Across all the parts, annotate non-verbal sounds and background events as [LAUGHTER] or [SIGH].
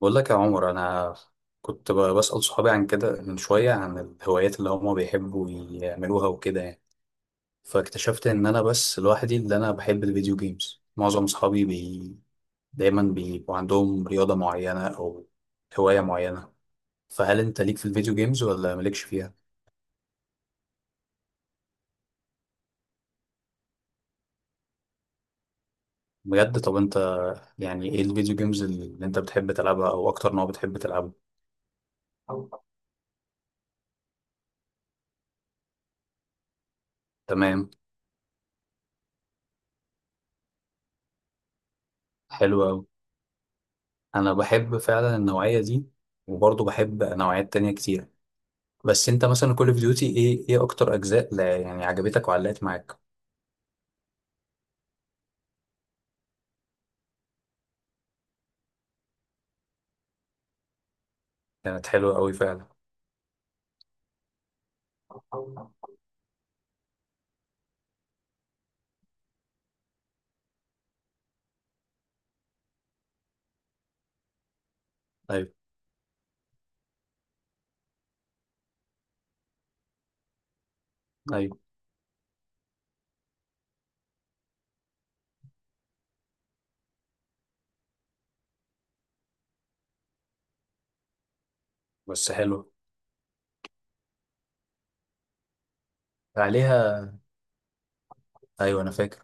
بقول لك يا عمر انا كنت بسأل صحابي عن كده من شوية عن الهوايات اللي هما بيحبوا يعملوها وكده يعني. فاكتشفت ان انا بس لوحدي اللي انا بحب الفيديو جيمز. معظم صحابي دايما بيبقوا عندهم رياضة معينة او هواية معينة. فهل انت ليك في الفيديو جيمز ولا مالكش فيها؟ بجد؟ طب انت يعني ايه الفيديو جيمز اللي انت بتحب تلعبها او اكتر نوع بتحب تلعبه؟ تمام. حلو أوي. أنا بحب فعلا النوعية دي، وبرضه بحب نوعيات تانية كتير. بس انت مثلا كول اوف ديوتي ايه اكتر اجزاء، لا يعني، عجبتك وعلقت معاك؟ كانت حلوه قوي فعلا. ايوه، ايوه. بس حلوه عليها. ايوه انا فاكر.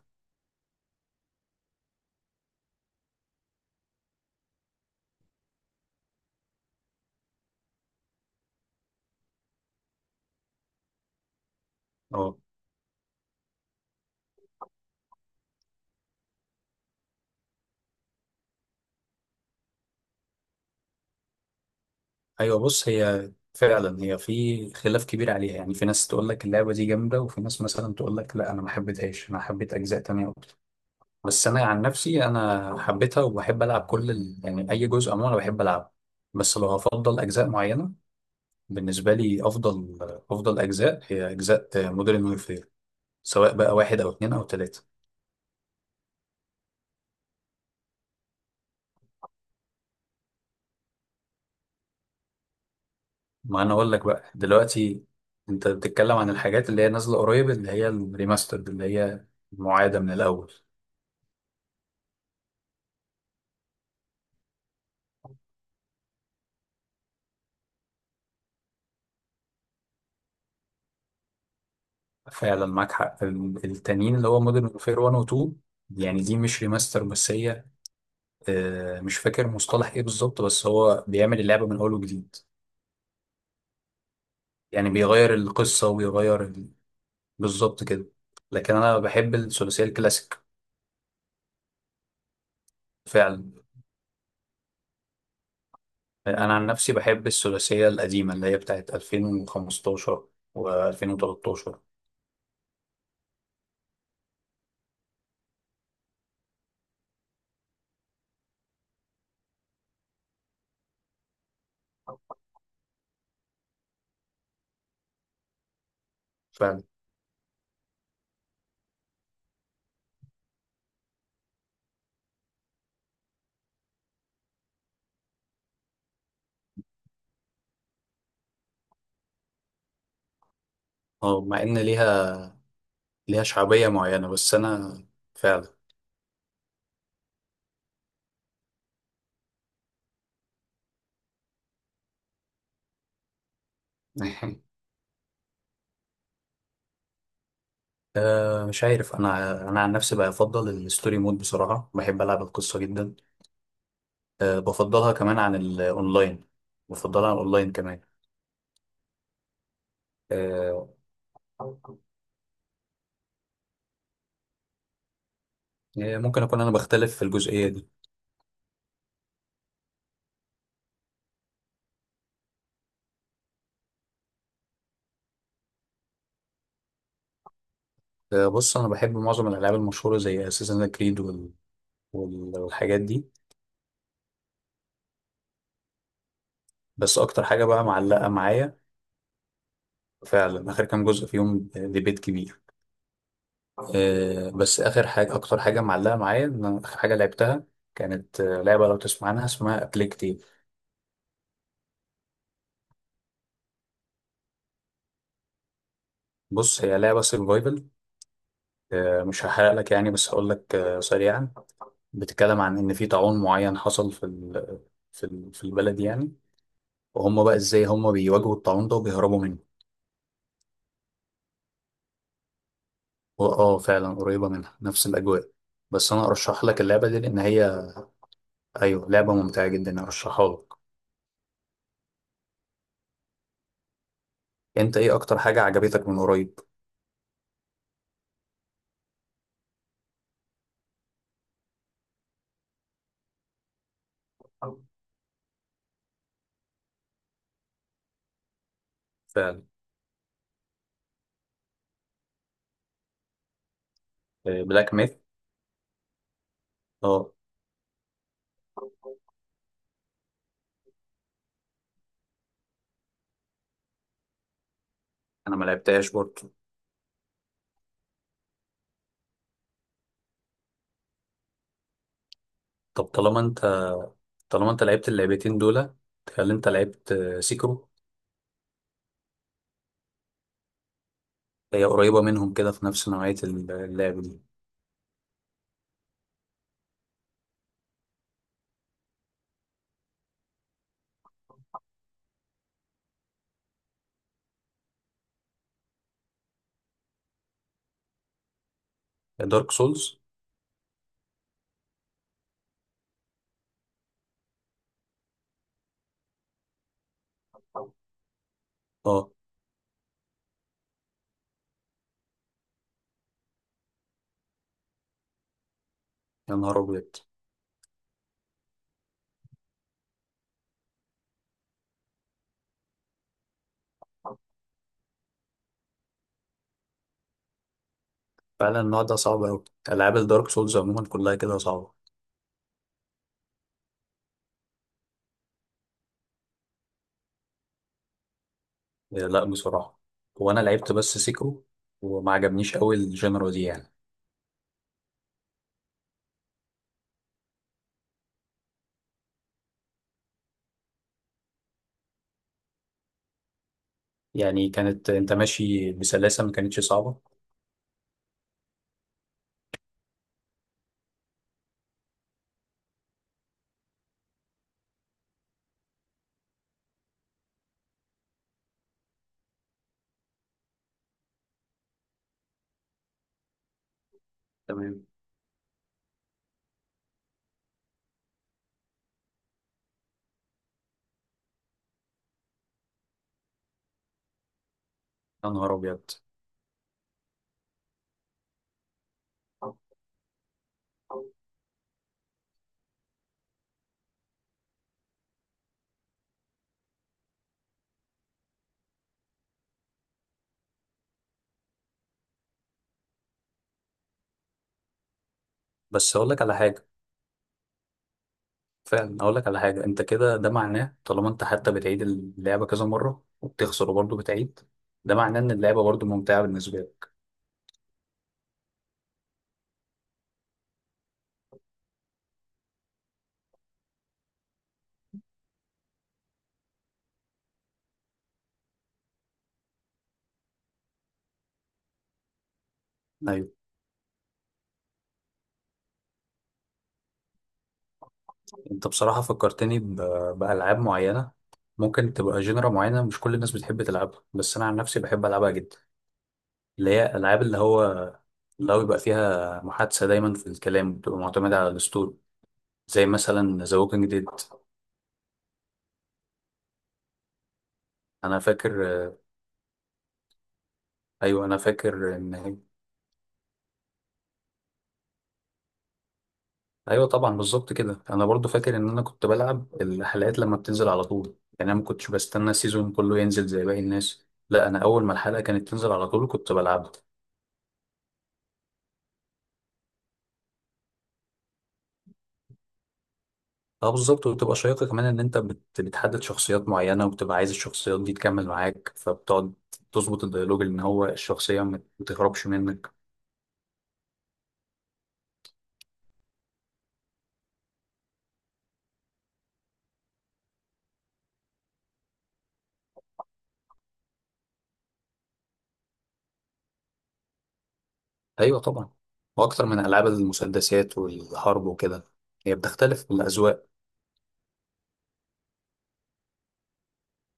اه، ايوه. بص، هي فعلا هي في خلاف كبير عليها، يعني في ناس تقول لك اللعبه دي جامده، وفي ناس مثلا تقول لك لا، انا ما حبيتهاش، انا حبيت اجزاء تانية اكتر. بس انا عن نفسي انا حبيتها، وبحب العب يعني اي جزء عموما انا بحب العبه. بس لو هفضل اجزاء معينه، بالنسبه لي افضل اجزاء هي اجزاء مودرن وورفير، سواء بقى واحد او اتنين او تلاتة. ما انا اقول لك بقى دلوقتي، انت بتتكلم عن الحاجات اللي هي نازلة قريب، اللي هي الريماسترد، اللي هي معادة من الاول. فعلا معاك حق، التانيين اللي هو مودرن وفير 1 و 2، يعني دي مش ريماستر، بس هي مش فاكر مصطلح ايه بالظبط، بس هو بيعمل اللعبة من اول وجديد. يعني بيغير القصة وبيغير بالظبط كده. لكن انا بحب الثلاثية الكلاسيك. فعلا. انا عن نفسي بحب الثلاثيه القديمه اللي هي بتاعت 2015 و2013. فعلا. اه، مع ان ليها شعبيه معينه بس انا. فعلا. [LAUGHS] أه مش عارف، انا عن نفسي بفضل الستوري مود، بصراحه بحب العب القصه جدا. أه بفضلها كمان عن الاونلاين. بفضلها عن الاونلاين كمان. أه. يعني ممكن اكون انا بختلف في الجزئيه دي. أه، بص انا بحب معظم الالعاب المشهوره زي اساسن كريد والحاجات دي. بس اكتر حاجه بقى معلقه معايا، فعلا اخر كام جزء فيهم ديبيت كبير. بس اخر حاجه، اكتر حاجه معلقه معايا، ان اخر حاجه لعبتها كانت لعبه، لو تسمع عنها اسمها ابليكتيف. بص، هي لعبه سرفايفل. مش هحرق لك يعني، بس هقول لك سريعا. بتتكلم عن ان في طاعون معين حصل في البلد يعني. وهم بقى ازاي هم بيواجهوا الطاعون ده وبيهربوا منه. واه فعلا قريبه منها، نفس الاجواء. بس انا ارشح لك اللعبه دي، لان هي ايوه لعبه ممتعه جدا، ارشحها لك. انت ايه اكتر حاجه عجبتك من قريب؟ فعلا. بلاك ميث. اه، انا ما لعبتهاش برضه. طب طالما انت لعبت اللعبتين دول، تخيل انت لعبت سيكرو. هي قريبه منهم كده، في نفس نوعيه اللعب دي. دارك سولز. اه، يا نهار ابيض. فعلا النوع ده صعب قوي. العاب الدارك سولز عموما كلها كده صعبه. لا بصراحه، وانا لعبت بس سيكرو، وما عجبنيش قوي الجنرا دي يعني. يعني كانت انت ماشي بسلاسه، ما كانتش صعبه؟ تمام. يا نهار ابيض. بس اقول لك على حاجه. فعلا اقول لك على حاجه، انت كده ده معناه طالما انت حتى بتعيد اللعبه كذا مره وبتخسر وبرضه بتعيد، ده معناه ان اللعبه برضه ممتعه بالنسبه لك. ايوه. انت بصراحه فكرتني بالعاب معينه، ممكن تبقى جينرا معينه مش كل الناس بتحب تلعبها، بس انا عن نفسي بحب العبها جدا. اللي هي العاب، اللي هو بيبقى فيها محادثه دايما، في الكلام بتبقى معتمده على الاسطوري، زي مثلا ذا ووكينج ديد. انا فاكر. ايوه انا فاكر ان، ايوه طبعا بالظبط كده، انا برضو فاكر ان انا كنت بلعب الحلقات لما بتنزل على طول. يعني انا ما كنتش بستنى السيزون كله ينزل زي باقي الناس. لا، انا اول ما الحلقه كانت تنزل على طول كنت بلعبها. اه بالظبط، وبتبقى شيقه كمان ان انت بتحدد شخصيات معينه، وبتبقى عايز الشخصيات دي تكمل معاك فبتقعد تظبط الديالوج ان هو الشخصيه ما تهربش منك. ايوه طبعا. واكتر من العاب المسدسات والحرب وكده. هي بتختلف بالاذواق.